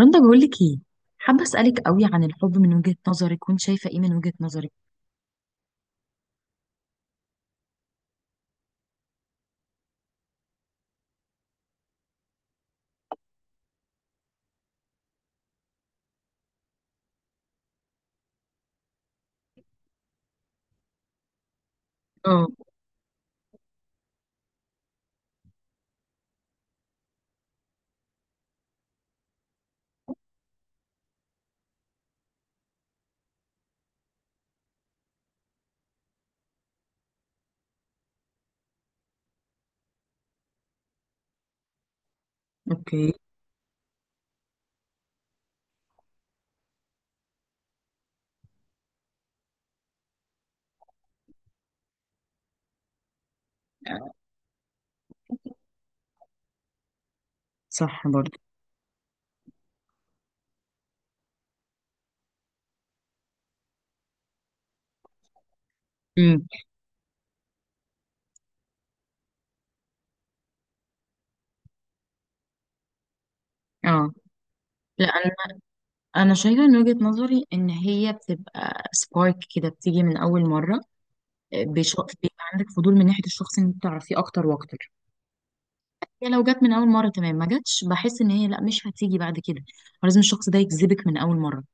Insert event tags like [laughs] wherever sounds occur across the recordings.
رندا بقول لك ايه. حابه اسالك قوي عن الحب من وجهة نظرك، وانت شايفه ايه من وجهة نظرك؟ اه. اوكي. صح برضه. امم. اه، لا انا شايفه من وجهة نظري ان هي بتبقى سبارك كده، بتيجي من اول مره. بيش- بيبقى عندك فضول من ناحيه الشخص ان انت تعرفيه اكتر واكتر. يعني لو جت من اول مره تمام، ما جاتش بحس ان هي لا، مش هتيجي بعد كده. لازم الشخص ده يجذبك من اول مره.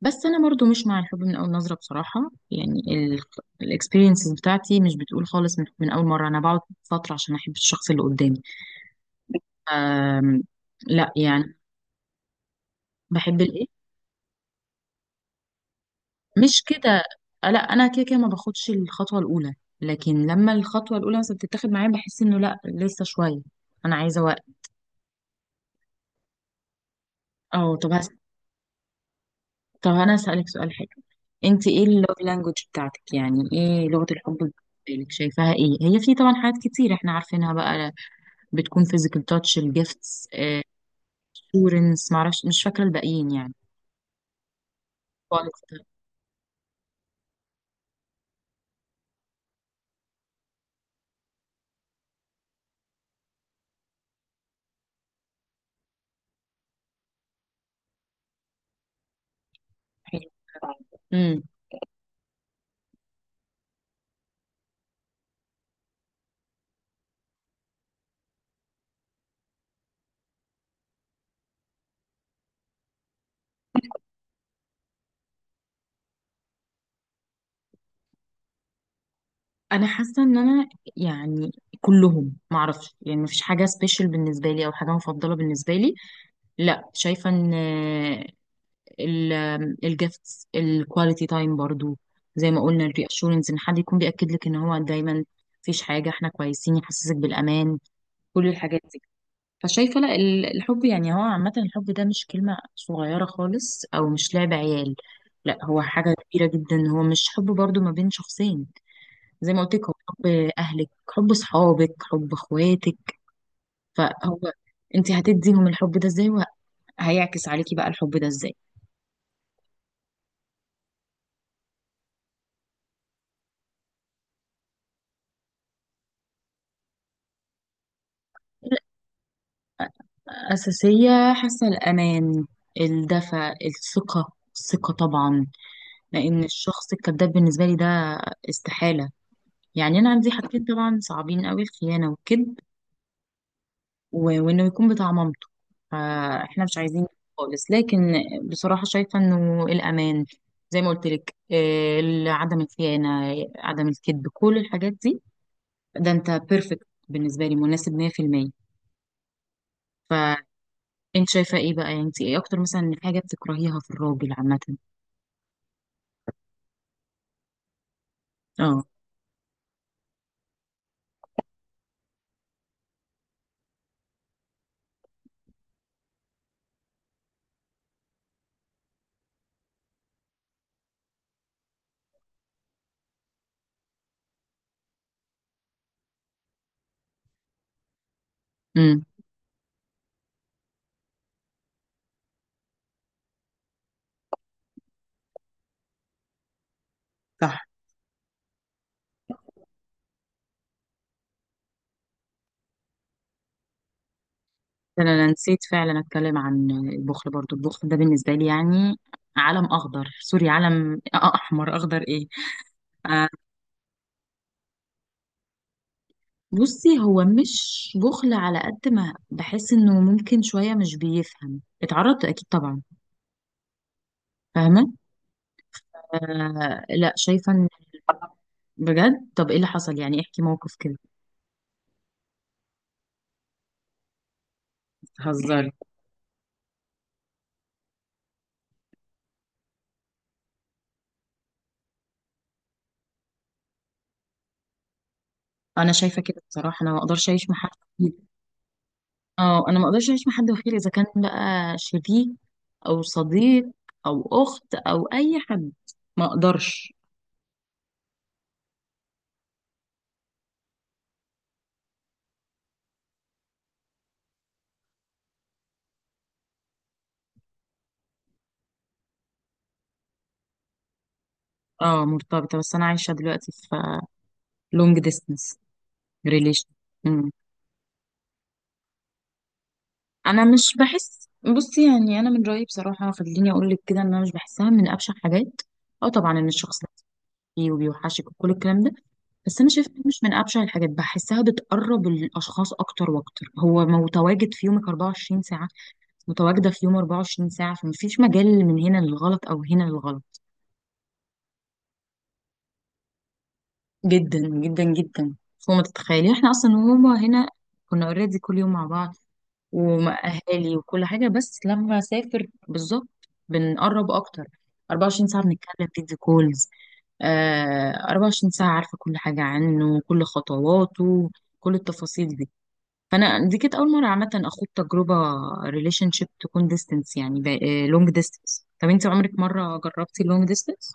بس انا برضو مش مع الحب من اول نظره بصراحه، يعني الاكسبيرينسز بتاعتي مش بتقول خالص من اول مره. انا بقعد فتره عشان احب الشخص اللي قدامي. أم لا يعني. بحب الايه؟ مش كده. لا انا كده كده ما باخدش الخطوه الاولى، لكن لما الخطوه الاولى مثلا بتتاخد معايا بحس انه لا، لسه شويه، انا عايزه وقت. اه، طب انا اسالك سؤال حلو. انت ايه اللوف لانجوج بتاعتك؟ يعني ايه لغه الحب بالنسبه لك؟ شايفاها ايه؟ هي في طبعا حاجات كتير احنا عارفينها بقى، بتكون physical touch، الجيفتس، assurance، معرفش، مش فاكرة الباقيين يعني. quality. امم. انا حاسة ان انا يعني كلهم، معرفش يعني، مفيش حاجة سبيشال بالنسبة لي او حاجة مفضلة بالنسبة لي. لا شايفة ان الجيفتس، الكواليتي تايم برضو زي ما قلنا، الريأشورنس ان حد يكون بيأكد لك ان هو دايما مفيش حاجة، احنا كويسين، يحسسك بالأمان، كل الحاجات دي. فشايفة لا، الحب يعني هو عامة، الحب ده مش كلمة صغيرة خالص أو مش لعب عيال. لا، هو حاجة كبيرة جدا. هو مش حب برضو ما بين شخصين، زي ما قلت لك، هو حب أهلك، حب صحابك، حب أخواتك. فهو أنت هتديهم الحب ده إزاي وهيعكس عليكي بقى الحب ده إزاي. أساسية حاسة الأمان، الدفء، الثقة، الثقة طبعا. لأن الشخص الكذاب بالنسبة لي ده استحالة. يعني أنا عندي حاجتين طبعا صعبين أوي، الخيانة والكذب، وانه يكون بتاع مامته، فاحنا مش عايزين خالص. لكن بصراحة شايفة انه الامان، زي ما قلت لك، عدم الخيانة، عدم الكذب، كل الحاجات دي، ده انت بيرفكت بالنسبة لي، مناسب 100%. فانت شايفة ايه بقى؟ يعني انت ايه اكتر مثلا حاجة بتكرهيها في الراجل عامة؟ اه. امم. صح. ده انا نسيت فعلا اتكلم عن البخل برضو. البخل ده بالنسبة لي يعني علم اخضر سوري، علم احمر، اخضر ايه. آه، بصي هو مش بخل، على قد ما بحس انه ممكن شوية مش بيفهم. اتعرضت اكيد طبعا. فاهمة. آه، لا شايفة ان بجد. طب ايه اللي حصل يعني؟ احكي موقف كده. هزاري. انا شايفة كده بصراحة، انا ما اقدرش اعيش مع حد وحيد. اه، انا ما اقدرش اعيش مع حد وحيد، اذا كان بقى شريك او صديق او اخت او اي حد، ما اقدرش. اه، مرتبطة، بس انا عايشة دلوقتي في لونج ديستنس ريليشن. انا مش بحس، بصي يعني، انا من رايي بصراحه، خليني اقول لك كده، ان انا مش بحسها من ابشع حاجات. اه طبعا، ان الشخص لازم فيه وبيوحشك وكل الكلام ده، بس انا شايفه إن مش من ابشع الحاجات. بحسها بتقرب الاشخاص اكتر واكتر. هو متواجد في يومك 24 ساعه، متواجده في يوم 24 ساعه، فمفيش مجال من هنا للغلط او هنا للغلط. جدا جدا جدا فوق ما تتخيلي. احنا اصلا وهما هنا كنا اوريدي كل يوم مع بعض ومأهالي وكل حاجة، بس لما أسافر بالظبط بنقرب أكتر. 24 ساعة بنتكلم فيديو كولز. آه، 24 ساعة عارفة كل حاجة عنه، كل خطواته، كل التفاصيل دي. فأنا دي كانت أول مرة عامة أخوض تجربة ريليشن شيب تكون ديستنس، يعني لونج ديستنس. طب أنت عمرك مرة جربتي لونج ديستنس؟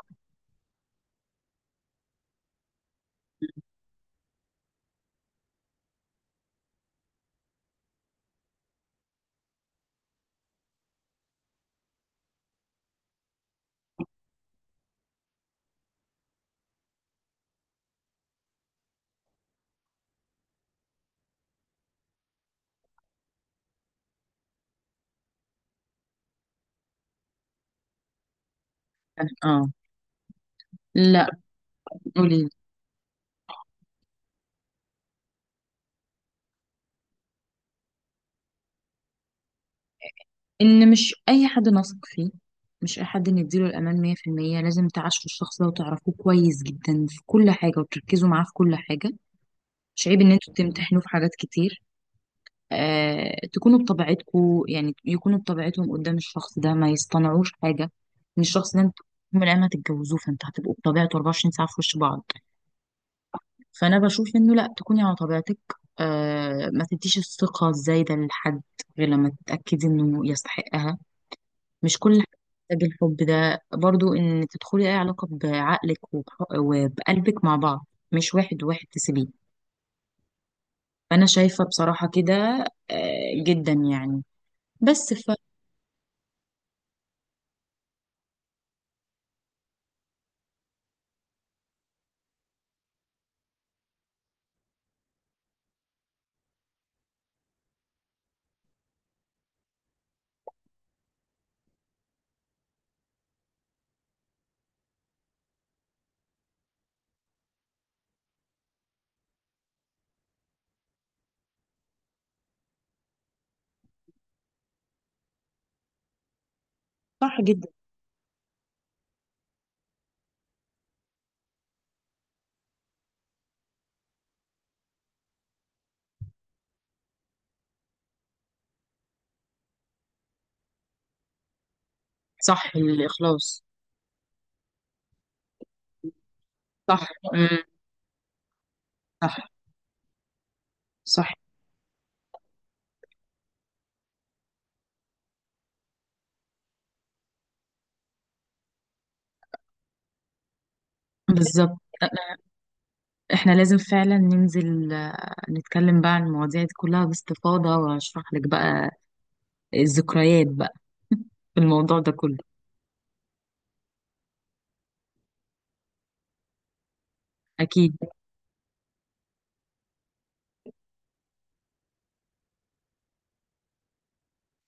اه. لا. قولي. ان مش اي حد نثق فيه، مش اي حد نديله الامان 100%. لازم تعاشروا الشخص ده وتعرفوه كويس جدا في كل حاجه، وتركزوا معاه في كل حاجه. مش عيب ان انتوا تمتحنوا في حاجات كتير. آه، تكونوا بطبيعتكم، يعني يكونوا بطبيعتهم قدام الشخص ده، ما يصطنعوش حاجه. ان الشخص ده انتوا يوم من الايام هتتجوزوه، فانتوا هتبقوا بطبيعته 24 ساعه في وش بعض. فانا بشوف انه لا، تكوني على طبيعتك. آه، ما تديش الثقه الزايده لحد غير لما تتاكدي انه يستحقها. مش كل حاجة محتاج الحب ده برضو. ان تدخلي اي علاقة بعقلك وبقلبك مع بعض، مش واحد واحد تسيبيه. فانا شايفة بصراحة كده. آه، جدا يعني. بس ف. صح جدا. صح، الاخلاص. صح. مم. صح. صح. بالظبط. احنا لازم فعلا ننزل، آه، نتكلم بقى عن المواضيع دي كلها باستفاضة واشرح لك بقى الذكريات بقى [laughs] في الموضوع ده كله. اكيد.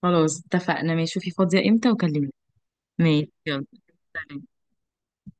خلاص اتفقنا، ماشي، شوفي فاضية امتى وكلمني. ماشي يلا. تاني.